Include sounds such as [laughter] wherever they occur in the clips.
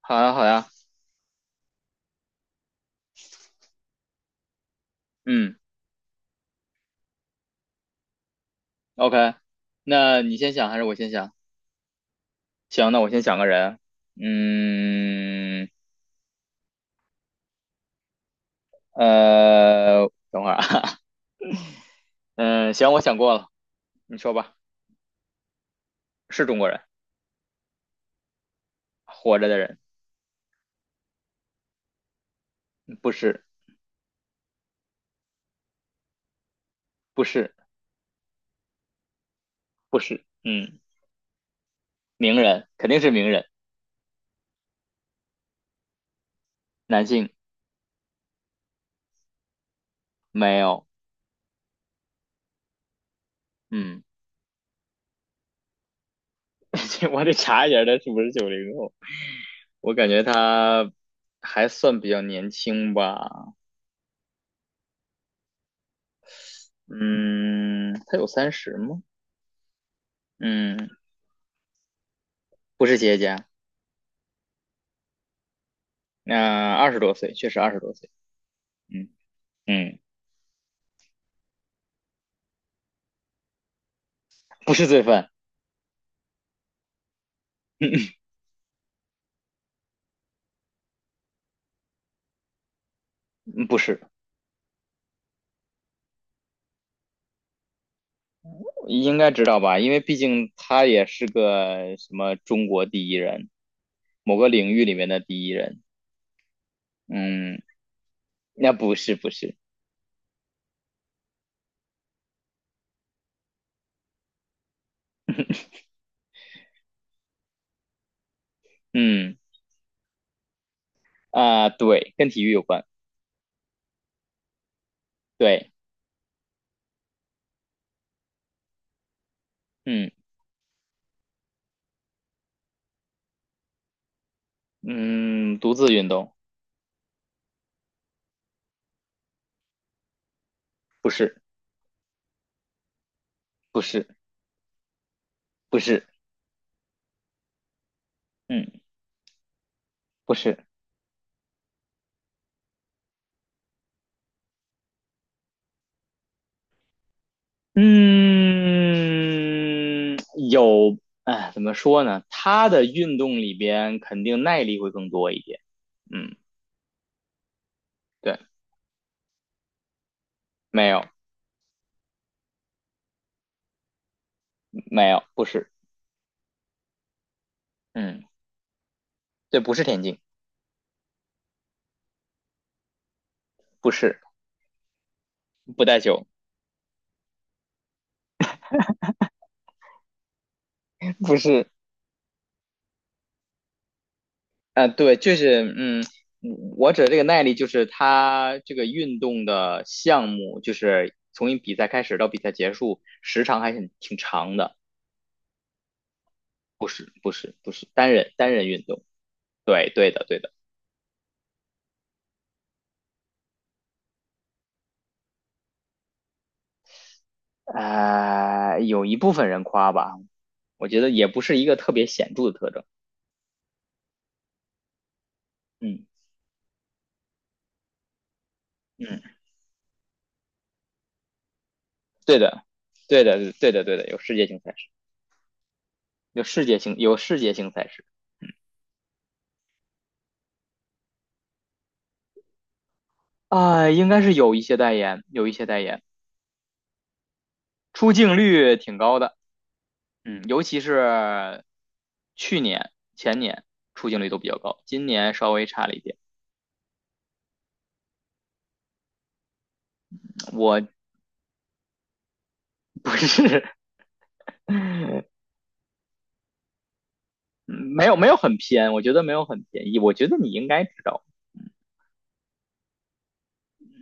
好呀，好呀，嗯，OK，那你先想还是我先想？行，那我先想个人。嗯，等会儿啊，[laughs] 嗯，行，我想过了，你说吧，是中国人，活着的人，不是，不是，不是，嗯，名人，肯定是名人，男性，没有，嗯，[laughs] 我得查一下他是不是90后，我感觉他还算比较年轻吧，嗯，他有30吗？嗯，不是企业家。那二十多岁，确实二十多岁，嗯嗯，不是罪犯，[laughs] 嗯不是，应该知道吧？因为毕竟他也是个什么中国第一人，某个领域里面的第一人，嗯，那不是不是，嗯啊，对，跟体育有关，对，嗯嗯，独自运动，不是不是不是，嗯不是。嗯，有，哎，怎么说呢？他的运动里边肯定耐力会更多一点。嗯，对，没有，没有，不是，嗯，对，不是田径，不是，不带球，[laughs] 不是，啊、对，就是，嗯，我指的这个耐力就是他这个运动的项目，就是从一比赛开始到比赛结束，时长还挺长的。不是，不是，不是，单人运动。对，对的，对的。有一部分人夸吧，我觉得也不是一个特别显著的特征。嗯嗯，对的，对的，对的，对的，有世界性赛事，有世界性赛事啊、应该是有一些代言，有一些代言，出镜率挺高的。嗯，尤其是去年、前年出镜率都比较高，今年稍微差了一点。我 [laughs] 不是，[laughs] 没有没有很偏，我觉得没有很偏，我觉得你应该知道。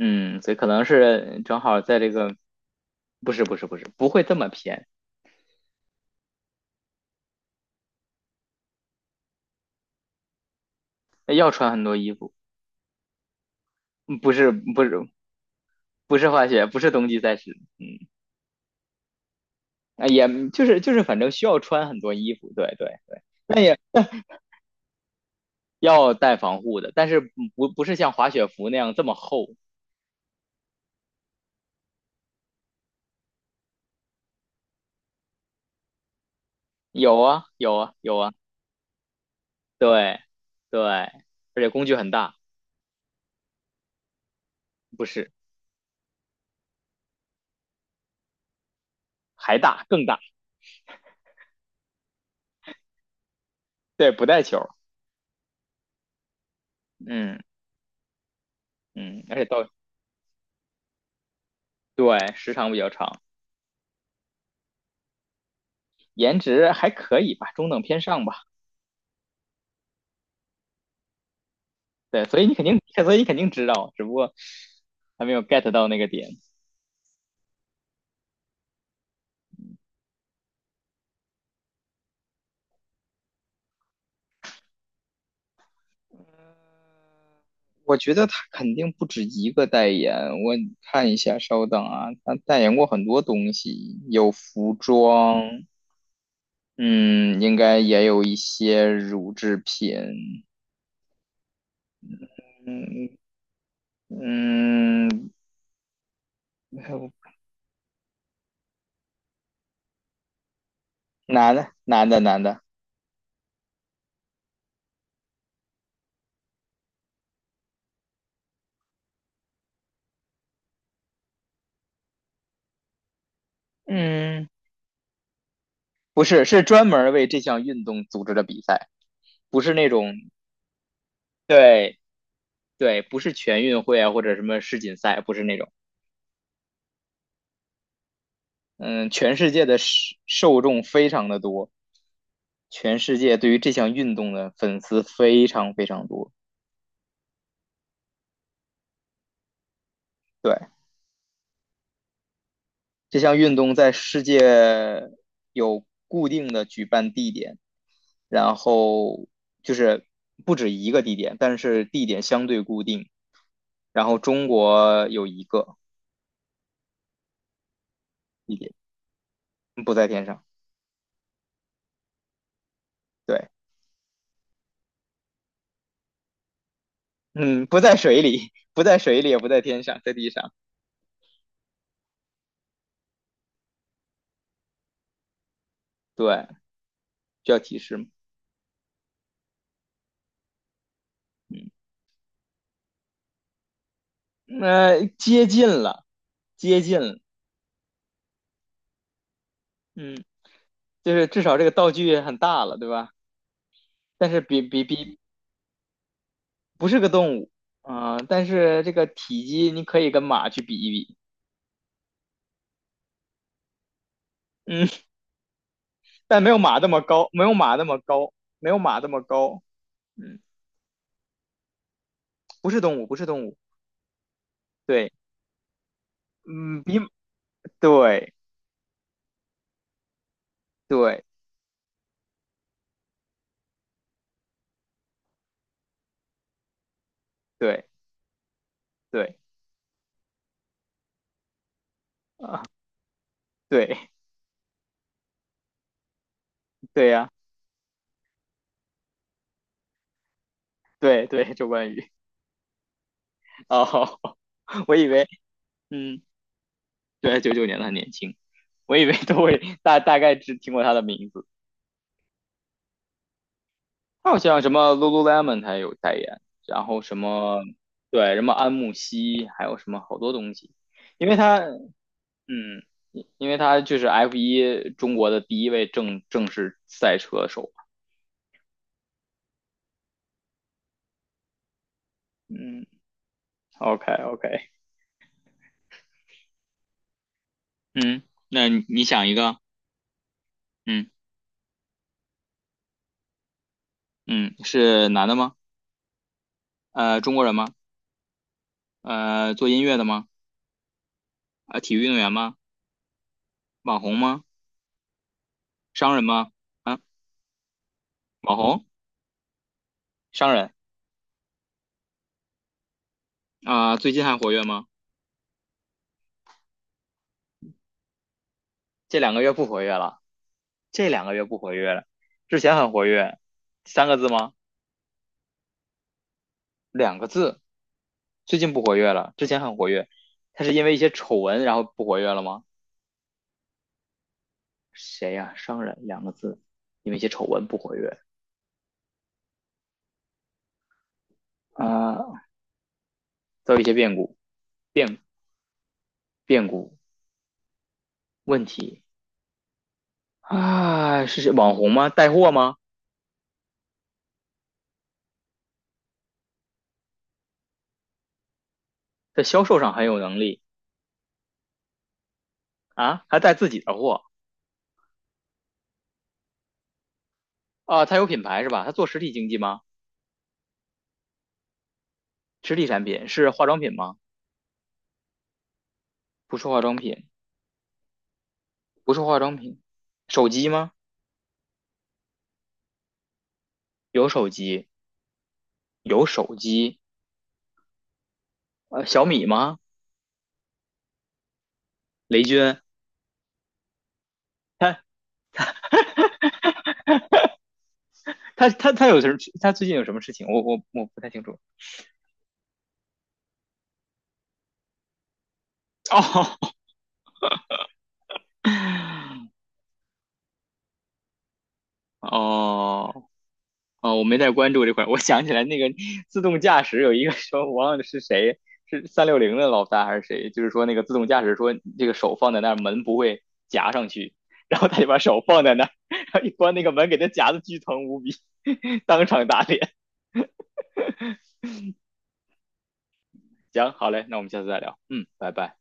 嗯，所以可能是正好在这个，不是不是不是，不会这么偏，要穿很多衣服，嗯不是不是不是滑雪，不是冬季赛事，嗯，啊也就是反正需要穿很多衣服，对对对，那也要带防护的，但是不是像滑雪服那样这么厚，有啊有啊有啊，对对，而且工具很大，不是还大更大，对，不带球，嗯嗯，而且到对时长比较长。颜值还可以吧，中等偏上吧。对，所以你肯定知道，只不过还没有 get 到那个点。我觉得他肯定不止一个代言，我看一下，稍等啊，他代言过很多东西，有服装，嗯，应该也有一些乳制品，嗯嗯，男的男的男的，嗯，不是，是专门为这项运动组织的比赛，不是那种对对，不是全运会啊，或者什么世锦赛，不是那种。嗯，全世界的受众非常的多，全世界对于这项运动的粉丝非常非常多。对，这项运动在世界有固定的举办地点，然后就是不止一个地点，但是地点相对固定。然后中国有一个地点，不在天上。对，嗯，不在水里，不在水里，也不在天上，在地上。对，需要提示吗？嗯，那接近了，接近了，嗯，就是至少这个道具很大了，对吧？但是比比比不是个动物啊、但是这个体积你可以跟马去比一比，嗯，[laughs] 但没有马那么高，没有马那么高，没有马那么高，嗯，不是动物，不是动物，对，嗯，对对对对啊，对对呀、对对，周冠宇，哦，[laughs] 我以为，嗯。对，99年的很年轻，我以为都会大概只听过他的名字。他好像什么 Lululemon 他也有代言，然后什么对什么安慕希，还有什么好多东西，因为他嗯，因为他就是 F1中国的第一位正式赛车手。嗯，OK，嗯，那你想一个，嗯嗯，是男的吗？中国人吗？做音乐的吗？体育运动员吗？网红吗？商人吗？啊，网红。商人啊，最近还活跃吗？这两个月不活跃了，这两个月不活跃了，之前很活跃，三个字吗？两个字，最近不活跃了，之前很活跃，他是因为一些丑闻然后不活跃了吗？谁呀、商人两个字，因为一些丑闻不活跃啊，都有一些变故，变故问题啊，是谁网红吗？带货吗？在销售上很有能力啊，还带自己的货啊，他有品牌是吧？他做实体经济吗？实体产品是化妆品吗？不是化妆品，不是化妆品，手机吗？有手机，有手机，小米吗？雷军，他有什么？他最近有什么事情？我不太清楚。哦哦哦，我没太关注这块儿。我想起来那个自动驾驶有一个说，我忘了是谁，是360的老大还是谁？就是说那个自动驾驶说这个手放在那儿，门不会夹上去，然后他就把手放在那儿，然后一关那个门，给他夹的巨疼无比，[laughs] 当场打脸。行，好嘞，那我们下次再聊。嗯，拜拜。